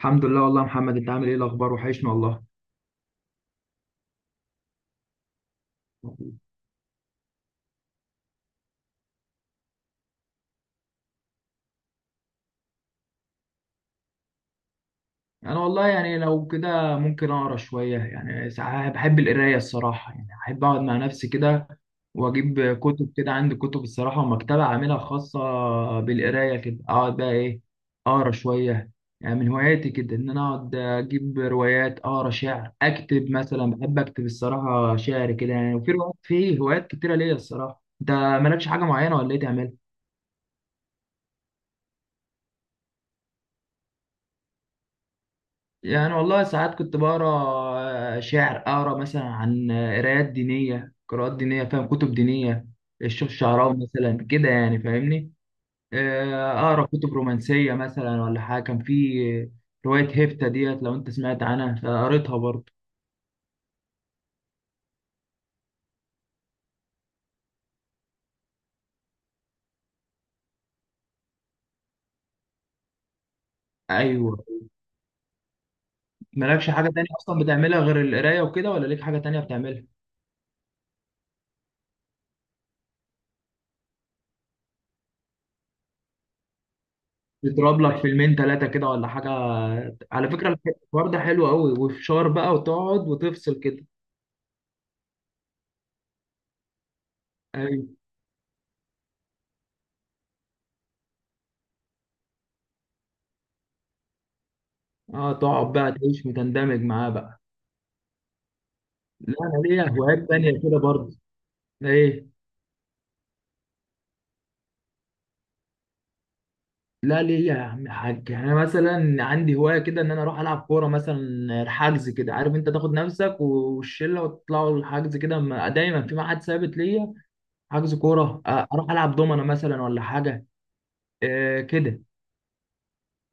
الحمد لله والله يا محمد، انت عامل ايه؟ الاخبار وحشني والله. انا والله يعني لو كده ممكن اقرا شويه، يعني ساعات بحب القرايه الصراحه، يعني احب اقعد مع نفسي كده واجيب كتب كده، عندي كتب الصراحه ومكتبه عاملها خاصه بالقرايه، كده اقعد بقى ايه، اقرا شويه. يعني من هواياتي كده ان انا اقعد اجيب روايات، اقرا شعر، اكتب مثلا، بحب اكتب الصراحه شعر كده يعني، وفي روايات، في هوايات كتيره ليا الصراحه. انت مالكش حاجه معينه ولا ايه تعمل؟ يعني والله ساعات كنت بقرا شعر، اقرا مثلا عن قرايات دينيه، قراءات دينيه، فاهم؟ كتب دينيه، الشيخ الشعراوي مثلا كده، يعني فاهمني. اقرا كتب رومانسيه مثلا، ولا حاجه. كان في روايه هيفتا ديت، لو انت سمعت عنها، فقريتها برضه. ايوه، مالكش حاجه تانية اصلا بتعملها غير القرايه وكده؟ ولا ليك حاجه تانية بتعملها؟ تضرب لك فيلمين ثلاثه كده ولا حاجه؟ على فكره الحوار ده حلو قوي، وفشار بقى وتقعد وتفصل كده. أيوه. اه تقعد بقى تعيش وتندمج معاه بقى. لا انا ليا هوايات تانية كده برضه. ايه؟ لا ليا يا عم الحاج، انا مثلا عندي هوايه كده ان انا اروح العب كوره مثلا، حجز كده، عارف انت تاخد نفسك والشله وتطلعوا الحجز كده، دايما في ميعاد ثابت ليا، حجز كوره. اروح العب دومنه مثلا ولا حاجه. آه كده.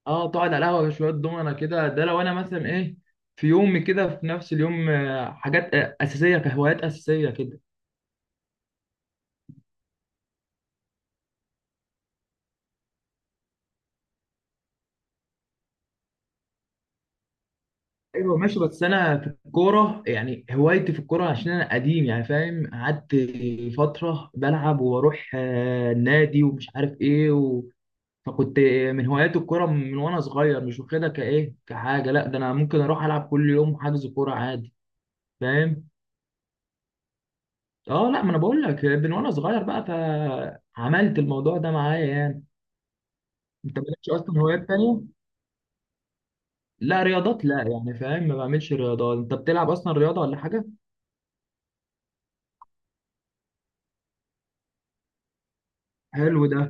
اه تقعد على القهوه شويه دومنه كده. ده لو انا مثلا ايه، في يوم كده في نفس اليوم حاجات اساسيه، كهوايات اساسيه كده. ايوه ماشي، بس انا في الكوره، يعني هوايتي في الكوره عشان انا قديم يعني، فاهم؟ قعدت فتره بلعب واروح النادي ومش عارف ايه فكنت من هوايات الكوره من وانا صغير، مش واخدها كحاجه، لا ده انا ممكن اروح العب كل يوم حجز كوره عادي. فاهم؟ اه لا، ما انا بقول لك من وانا صغير بقى، فعملت الموضوع ده معايا يعني. انت مالكش اصلا هوايات تانية؟ لا رياضات لا، يعني فاهم؟ ما بعملش رياضات. انت بتلعب اصلا رياضه ولا حاجه؟ حلو ده.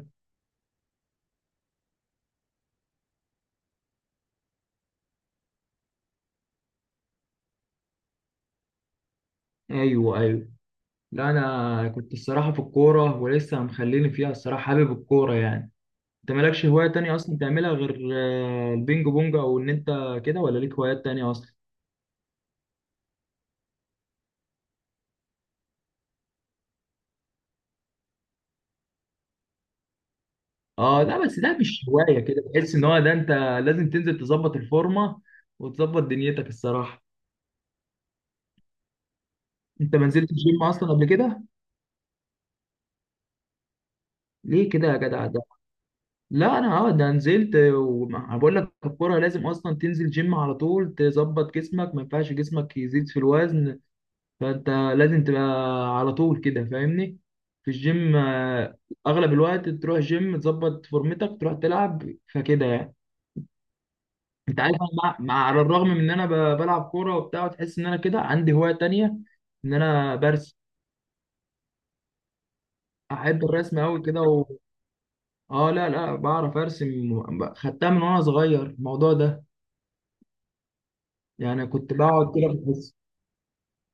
ايوه ايوه. لا انا كنت الصراحه في الكوره، ولسه مخليني فيها الصراحه، حابب الكوره يعني. انت مالكش هوايه تانية اصلا تعملها غير البينج بونج، او ان انت كده، ولا ليك هوايات تانية اصلا؟ اه لا، بس ده مش هوايه كده، تحس ان هو ده انت. لازم تنزل تظبط الفورمه وتظبط دنيتك الصراحه. انت ما نزلتش جيم اصلا قبل كده؟ ليه كده يا جدع ده؟ لا انا اه ده نزلت، وبقول لك الكوره لازم اصلا تنزل جيم على طول، تظبط جسمك، ما ينفعش جسمك يزيد في الوزن. فانت لازم تبقى على طول كده فاهمني، في الجيم. اغلب الوقت تروح جيم تظبط فورمتك، تروح تلعب، فكده يعني. انت عارف أنا مع على الرغم من ان انا بلعب كوره وبتاع، وتحس ان انا كده عندي هوايه تانية ان انا برسم. احب الرسم قوي كده اه لا لا بعرف ارسم، خدتها من وانا صغير الموضوع ده، يعني كنت بقعد كده.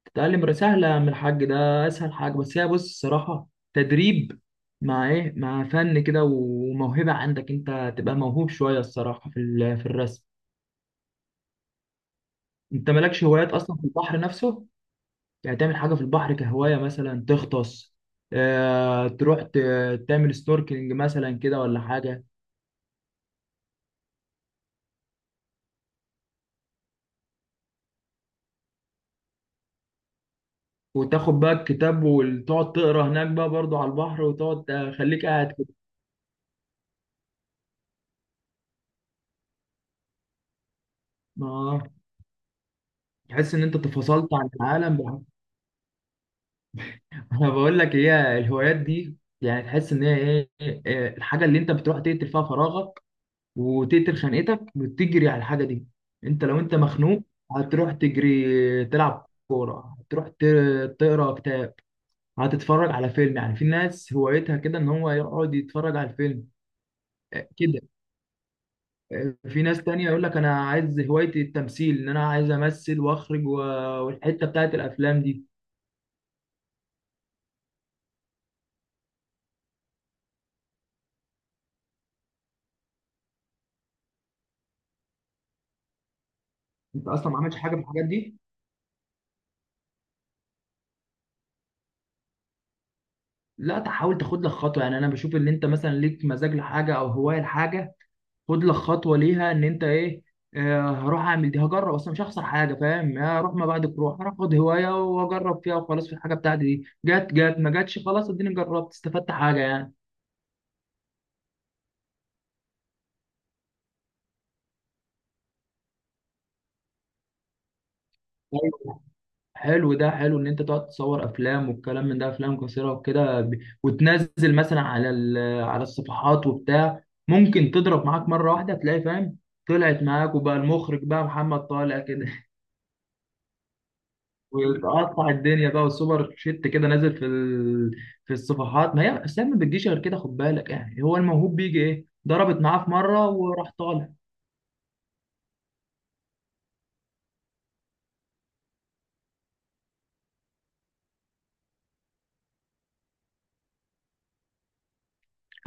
تتعلم سهلة من الحاج ده، أسهل حاجة، بس هي بص الصراحة تدريب مع إيه، مع فن كده وموهبة، عندك أنت تبقى موهوب شوية الصراحة في في الرسم. أنت مالكش هوايات أصلا في البحر نفسه؟ يعني تعمل حاجة في البحر كهواية، مثلا تغطس، آه تروح تعمل ستوركلينج مثلا كده ولا حاجة. وتاخد بقى الكتاب وتقعد تقرا هناك بقى برضو على البحر، وتقعد خليك قاعد كده. آه، تحس إن أنت تفصلت عن العالم. انا بقول لك هي الهوايات دي يعني، تحس ان هي ايه، الحاجه اللي انت بتروح تقتل فيها فراغك، وتقتل خانقتك، وتجري على الحاجه دي. انت لو انت مخنوق، هتروح تجري تلعب كوره، هتروح تقرا كتاب، هتتفرج على فيلم. يعني في ناس هوايتها كده ان هو يقعد يتفرج على الفيلم كده. في ناس تانية يقول لك انا عايز هوايتي التمثيل، ان انا عايز امثل واخرج والحته بتاعت الافلام دي. انت اصلا ما عملتش حاجه في الحاجات دي؟ لا تحاول تاخد لك خطوه، يعني انا بشوف ان انت مثلا ليك مزاج لحاجه، او هوايه لحاجه، خد لك خطوه ليها، ان انت ايه، هروح اعمل دي، هجرب اصلا، مش هخسر حاجه، فاهم؟ يعني هروح، ما بعد بروح، هروح اخد هوايه واجرب فيها وخلاص، في الحاجه بتاعتي دي، جت جت، ما جاتش خلاص، اديني جربت، استفدت حاجه يعني. طيب، حلو ده. حلو ان انت تقعد تصور افلام والكلام من ده، افلام قصيره وكده، وتنزل مثلا على على الصفحات وبتاع، ممكن تضرب معاك مره واحده، تلاقي فاهم طلعت معاك، وبقى المخرج بقى محمد طالع كده. وقطع الدنيا بقى والسوبر شيت كده نازل في الصفحات. ما هي السلام ما بتجيش غير كده، خد بالك يعني، هو الموهوب بيجي ايه، ضربت معاه في مره وراح طالع.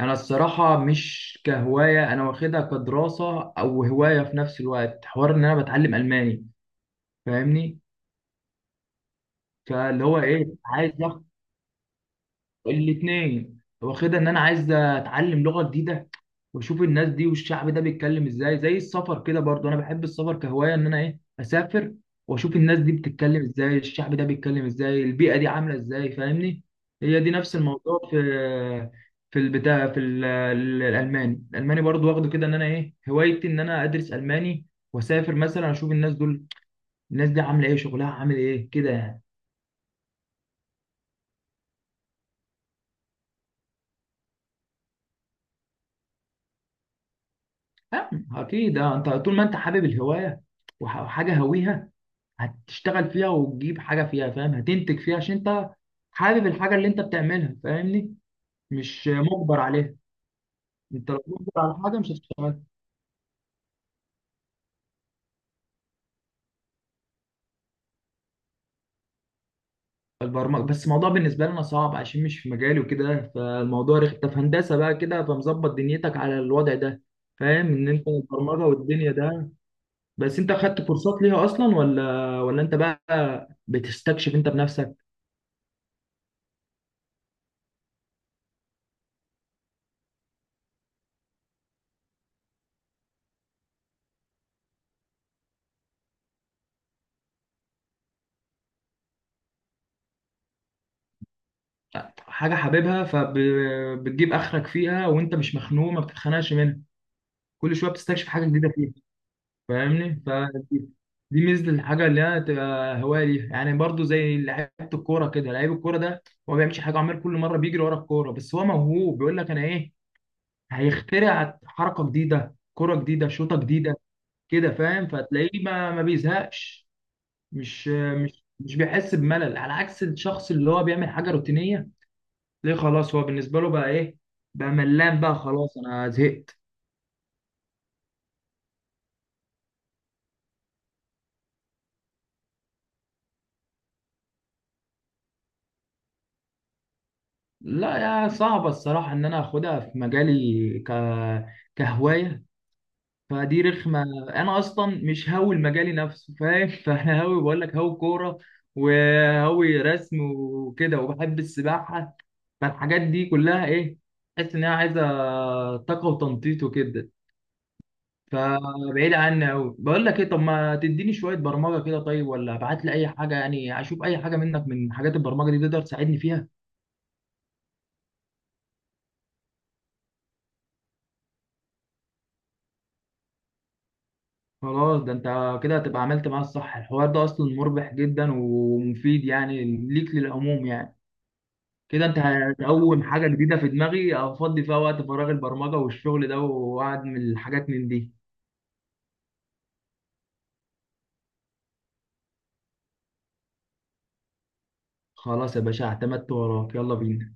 انا الصراحه مش كهوايه، انا واخدها كدراسه او هوايه في نفس الوقت، حوار ان انا بتعلم الماني فاهمني. فاللي هو ايه، عايز اخد الاثنين، واخدها ان انا عايز اتعلم لغه جديده، واشوف الناس دي والشعب ده بيتكلم ازاي، زي السفر كده برضو، انا بحب السفر كهوايه ان انا ايه اسافر واشوف الناس دي بتتكلم ازاي، الشعب ده بيتكلم ازاي، البيئه دي عامله ازاي، فاهمني. هي دي نفس الموضوع، في في البتاع، في الالماني، الالماني برضو واخده كده ان انا ايه، هوايتي ان انا ادرس الماني، واسافر مثلا اشوف الناس دول، الناس دي عامله ايه، شغلها عامل ايه كده يعني. اكيد. آه، انت طول ما انت حابب الهوايه وحاجه هويها، هتشتغل فيها وتجيب حاجه فيها، فاهم؟ هتنتج فيها عشان انت حابب الحاجه اللي انت بتعملها فاهمني، مش مجبر عليها. انت لو مجبر على حاجه مش هتشتغل. البرمجه بس الموضوع بالنسبه لنا صعب عشان مش في مجالي وكده، فالموضوع رخ. انت في هندسه بقى كده، فمظبط دنيتك على الوضع ده فاهم، ان انت البرمجه والدنيا ده. بس انت خدت كورسات ليها اصلا، ولا ولا انت بقى بتستكشف انت بنفسك؟ حاجه حاببها، فبتجيب اخرك فيها، وانت مش مخنوق، ما بتتخنقش منها، كل شويه بتستكشف حاجه جديده فيها، فاهمني؟ فدي، دي ميزه الحاجه اللي هي تبقى هوايه ليها يعني. برضو زي لعيبه الكوره كده، لعيب الكوره ده هو ما بيعملش حاجه عمال كل مره بيجري ورا الكوره، بس هو موهوب بيقول لك انا ايه، هيخترع حركه جديده، كوره جديده، شوطه جديده كده، فاهم؟ فتلاقيه ما بيزهقش، مش بيحس بملل، على عكس الشخص اللي هو بيعمل حاجه روتينيه، ليه؟ خلاص هو بالنسبه له بقى ايه، بقى ملان بقى، خلاص انا زهقت. لا، يا صعبة الصراحة إن أنا آخدها في مجالي كهواية، فدي رخمة. أنا أصلا مش هاوي المجالي نفسه فاهم؟ فأنا هاوي، بقول لك هاوي كورة، وهاوي رسم وكده، وبحب السباحة. فالحاجات دي كلها إيه، تحس إن هي عايزة طاقة وتنطيط وكده، فبعيد عني أوي. بقول لك إيه، طب ما تديني شوية برمجة كده طيب، ولا ابعت لي أي حاجة يعني، أشوف أي حاجة منك من حاجات البرمجة دي تقدر تساعدني فيها. خلاص، ده انت كده هتبقى عملت معاه الصح، الحوار ده اصلا مربح جدا ومفيد يعني ليك، للعموم يعني. كده انت هتقوم حاجه جديده في دماغي افضي فيها وقت فراغ، البرمجه والشغل ده، وقعد من الحاجات من دي. خلاص يا باشا، اعتمدت وراك، يلا بينا.